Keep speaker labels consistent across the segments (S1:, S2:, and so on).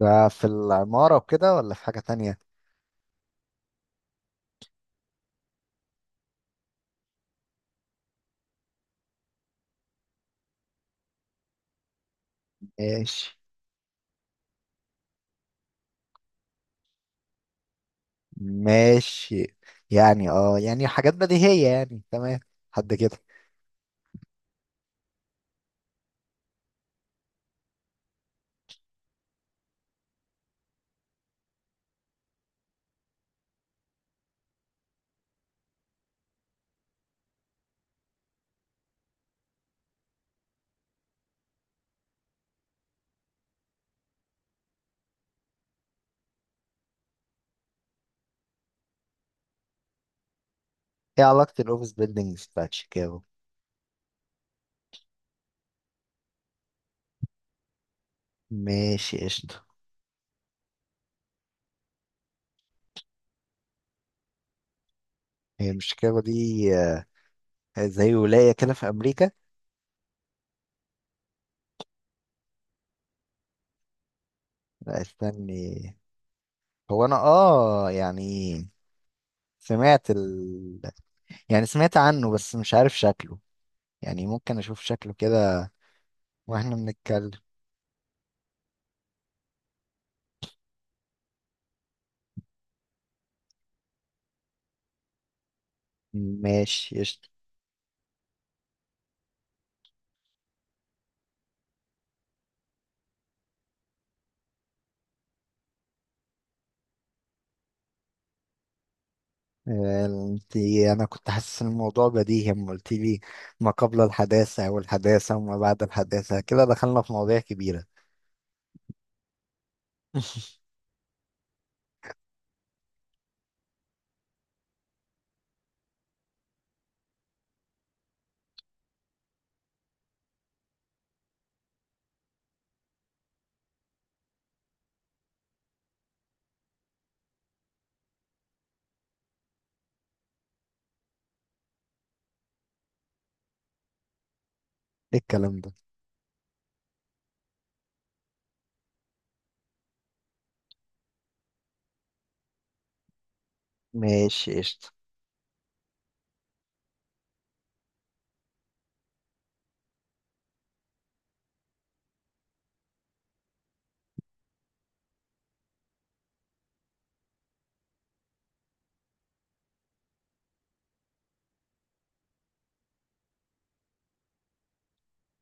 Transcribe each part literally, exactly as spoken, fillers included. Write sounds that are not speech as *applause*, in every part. S1: ده في العمارة وكده ولا في حاجة تانية؟ ماشي. ماشي. يعني اه يعني حاجات بديهية يعني تمام. حد كده. ايه علاقة الاوفيس بيلدينجز بتاعت شيكاغو؟ ماشي قشطة. هي مش شيكاغو دي؟ آه، زي ولاية كده في أمريكا. لا، استني. هو أنا اه يعني سمعت ال يعني سمعت عنه بس مش عارف شكله. يعني ممكن أشوف شكله كده وإحنا بنتكلم. ماشي قشطة. انتي انا كنت حاسس ان الموضوع بديهي، اما قلت لي ما قبل الحداثة والحداثة وما بعد الحداثة كده دخلنا في مواضيع كبيرة. *laughs* ايه الكلام ده؟ ماشي قشطة.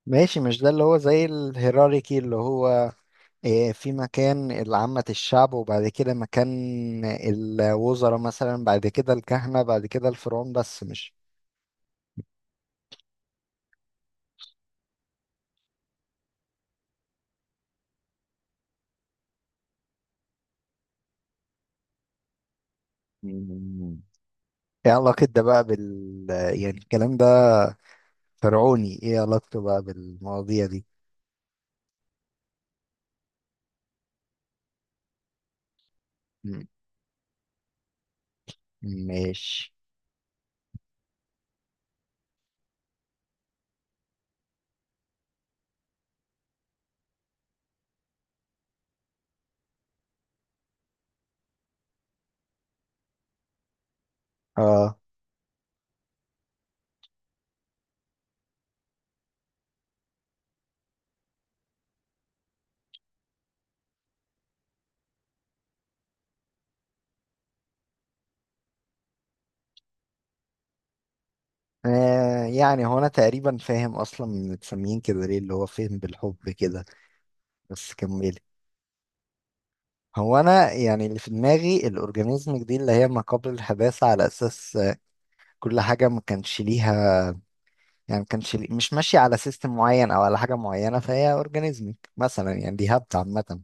S1: ماشي. مش ده اللي هو زي الهيراركي اللي هو آه، في مكان العامة الشعب وبعد كده مكان الوزراء مثلا بعد كده الكهنة بعد كده الفرعون بس مش. *laughs* مم. ايه علاقة ده بقى بال يعني الكلام ده فرعوني؟ ايه علاقته بقى بالمواضيع دي؟ مم. ماشي. اه آه، يعني هو انا تقريبا فاهم اصلا متسميين كده ليه، اللي هو فهم بالحب كده. بس كملي. هو انا يعني اللي في دماغي الاورجانيزمك دي اللي هي ما قبل الحداثه، على اساس آه، كل حاجه ما كانش ليها، يعني ما كانش لي- مش ماشيه على سيستم معين او على حاجه معينه، فهي اورجانيزمك مثلا، يعني دي هبت عامه.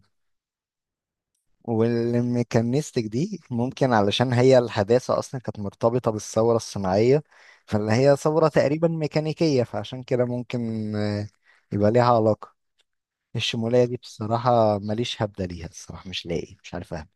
S1: والميكانيستك دي ممكن علشان هي الحداثة أصلا كانت مرتبطة بالثورة الصناعية، فاللي هي ثورة تقريبا ميكانيكية، فعشان كده ممكن آه، يبقى ليها علاقة. الشمولية دي بصراحة ماليش هبدة ليها الصراحة، مش لاقي، مش عارف أهبد.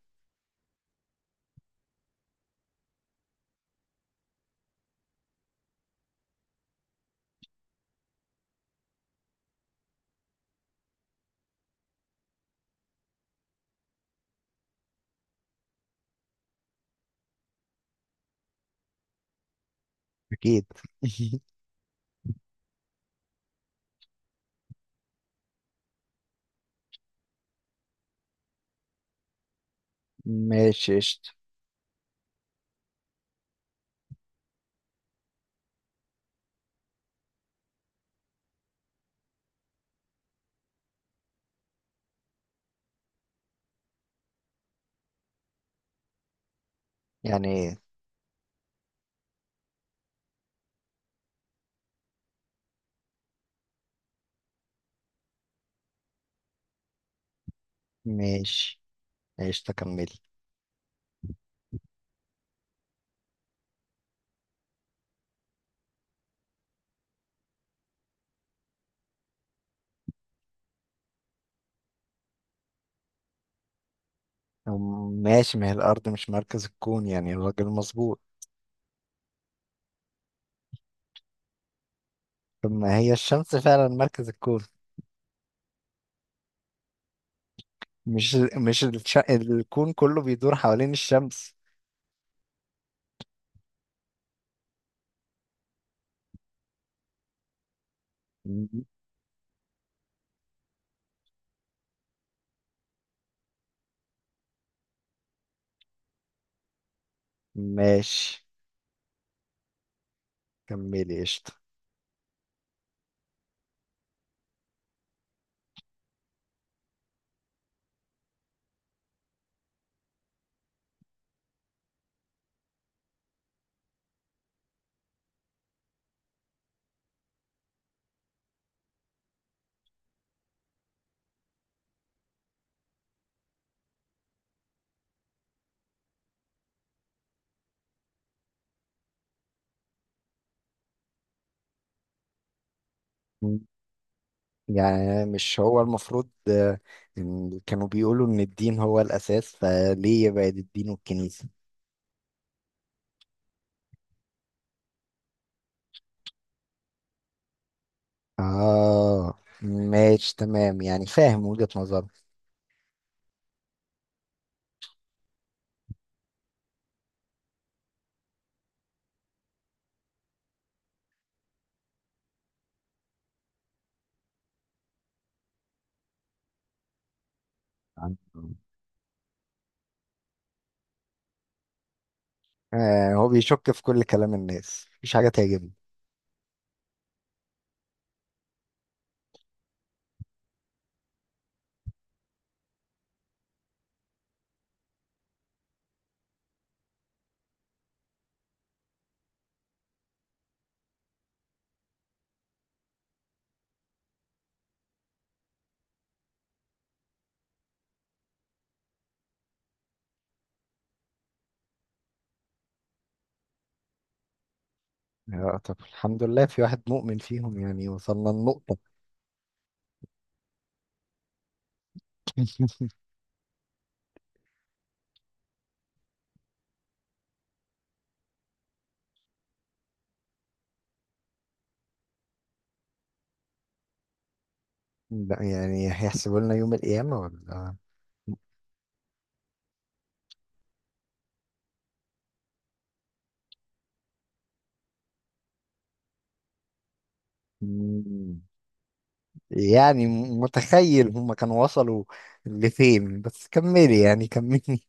S1: أكيد. *laughs* ماشي قشطة. يعني ماشي قشطة كملي. أم- ماشي، ما هي الأرض مش مركز الكون، يعني الراجل مظبوط. طب ما هي الشمس فعلا مركز الكون؟ مش مش الش... الكون كله بيدور حوالين الشمس. م- ماشي، كملي قشطة. م- يعني مش هو المفروض آه، إن كانوا بيقولوا إن الدين هو الأساس، فليه يبعد الدين والكنيسة؟ آه، ماشي تمام، يعني فاهم وجهة نظره. آه، هو بيشك في كل كلام الناس، مفيش حاجة تعجبني. آه، طب الحمد لله في واحد مؤمن فيهم، يعني وصلنا النقطة. لا، يعني هيحسبوا لنا يوم القيامة ولا؟ مم. يعني متخيل هما كانوا وصلوا لفين؟ بس كملي يعني كملي.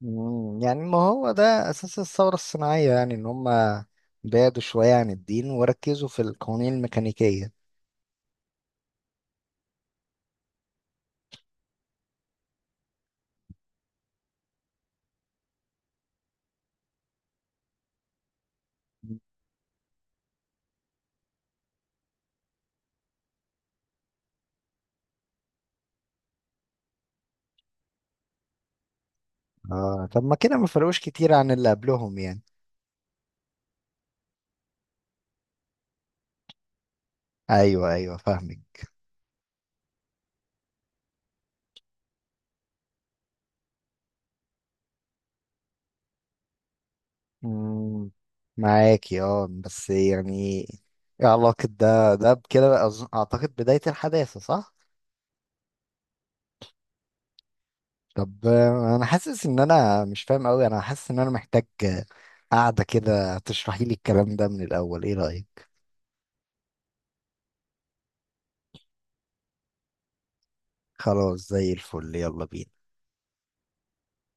S1: مم، يعني ما هو ده أساس الثورة الصناعية، يعني إن هما بعدوا شوية عن الدين وركزوا في القوانين الميكانيكية. آه، طب ما كده ما فرقوش كتير عن اللي قبلهم يعني. أيوه، أيوه، فاهمك. مم، معاكي اه بس يعني إيه علاقة ده ده بكده، أظن- أعتقد بداية الحداثة، صح؟ طب آه، انا حاسس ان انا مش فاهم قوي، انا حاسس ان انا محتاج آه، قعدة كده تشرحي لي الكلام ده من الاول، ايه رأيك؟ خلاص، زي الفل، يلا بينا.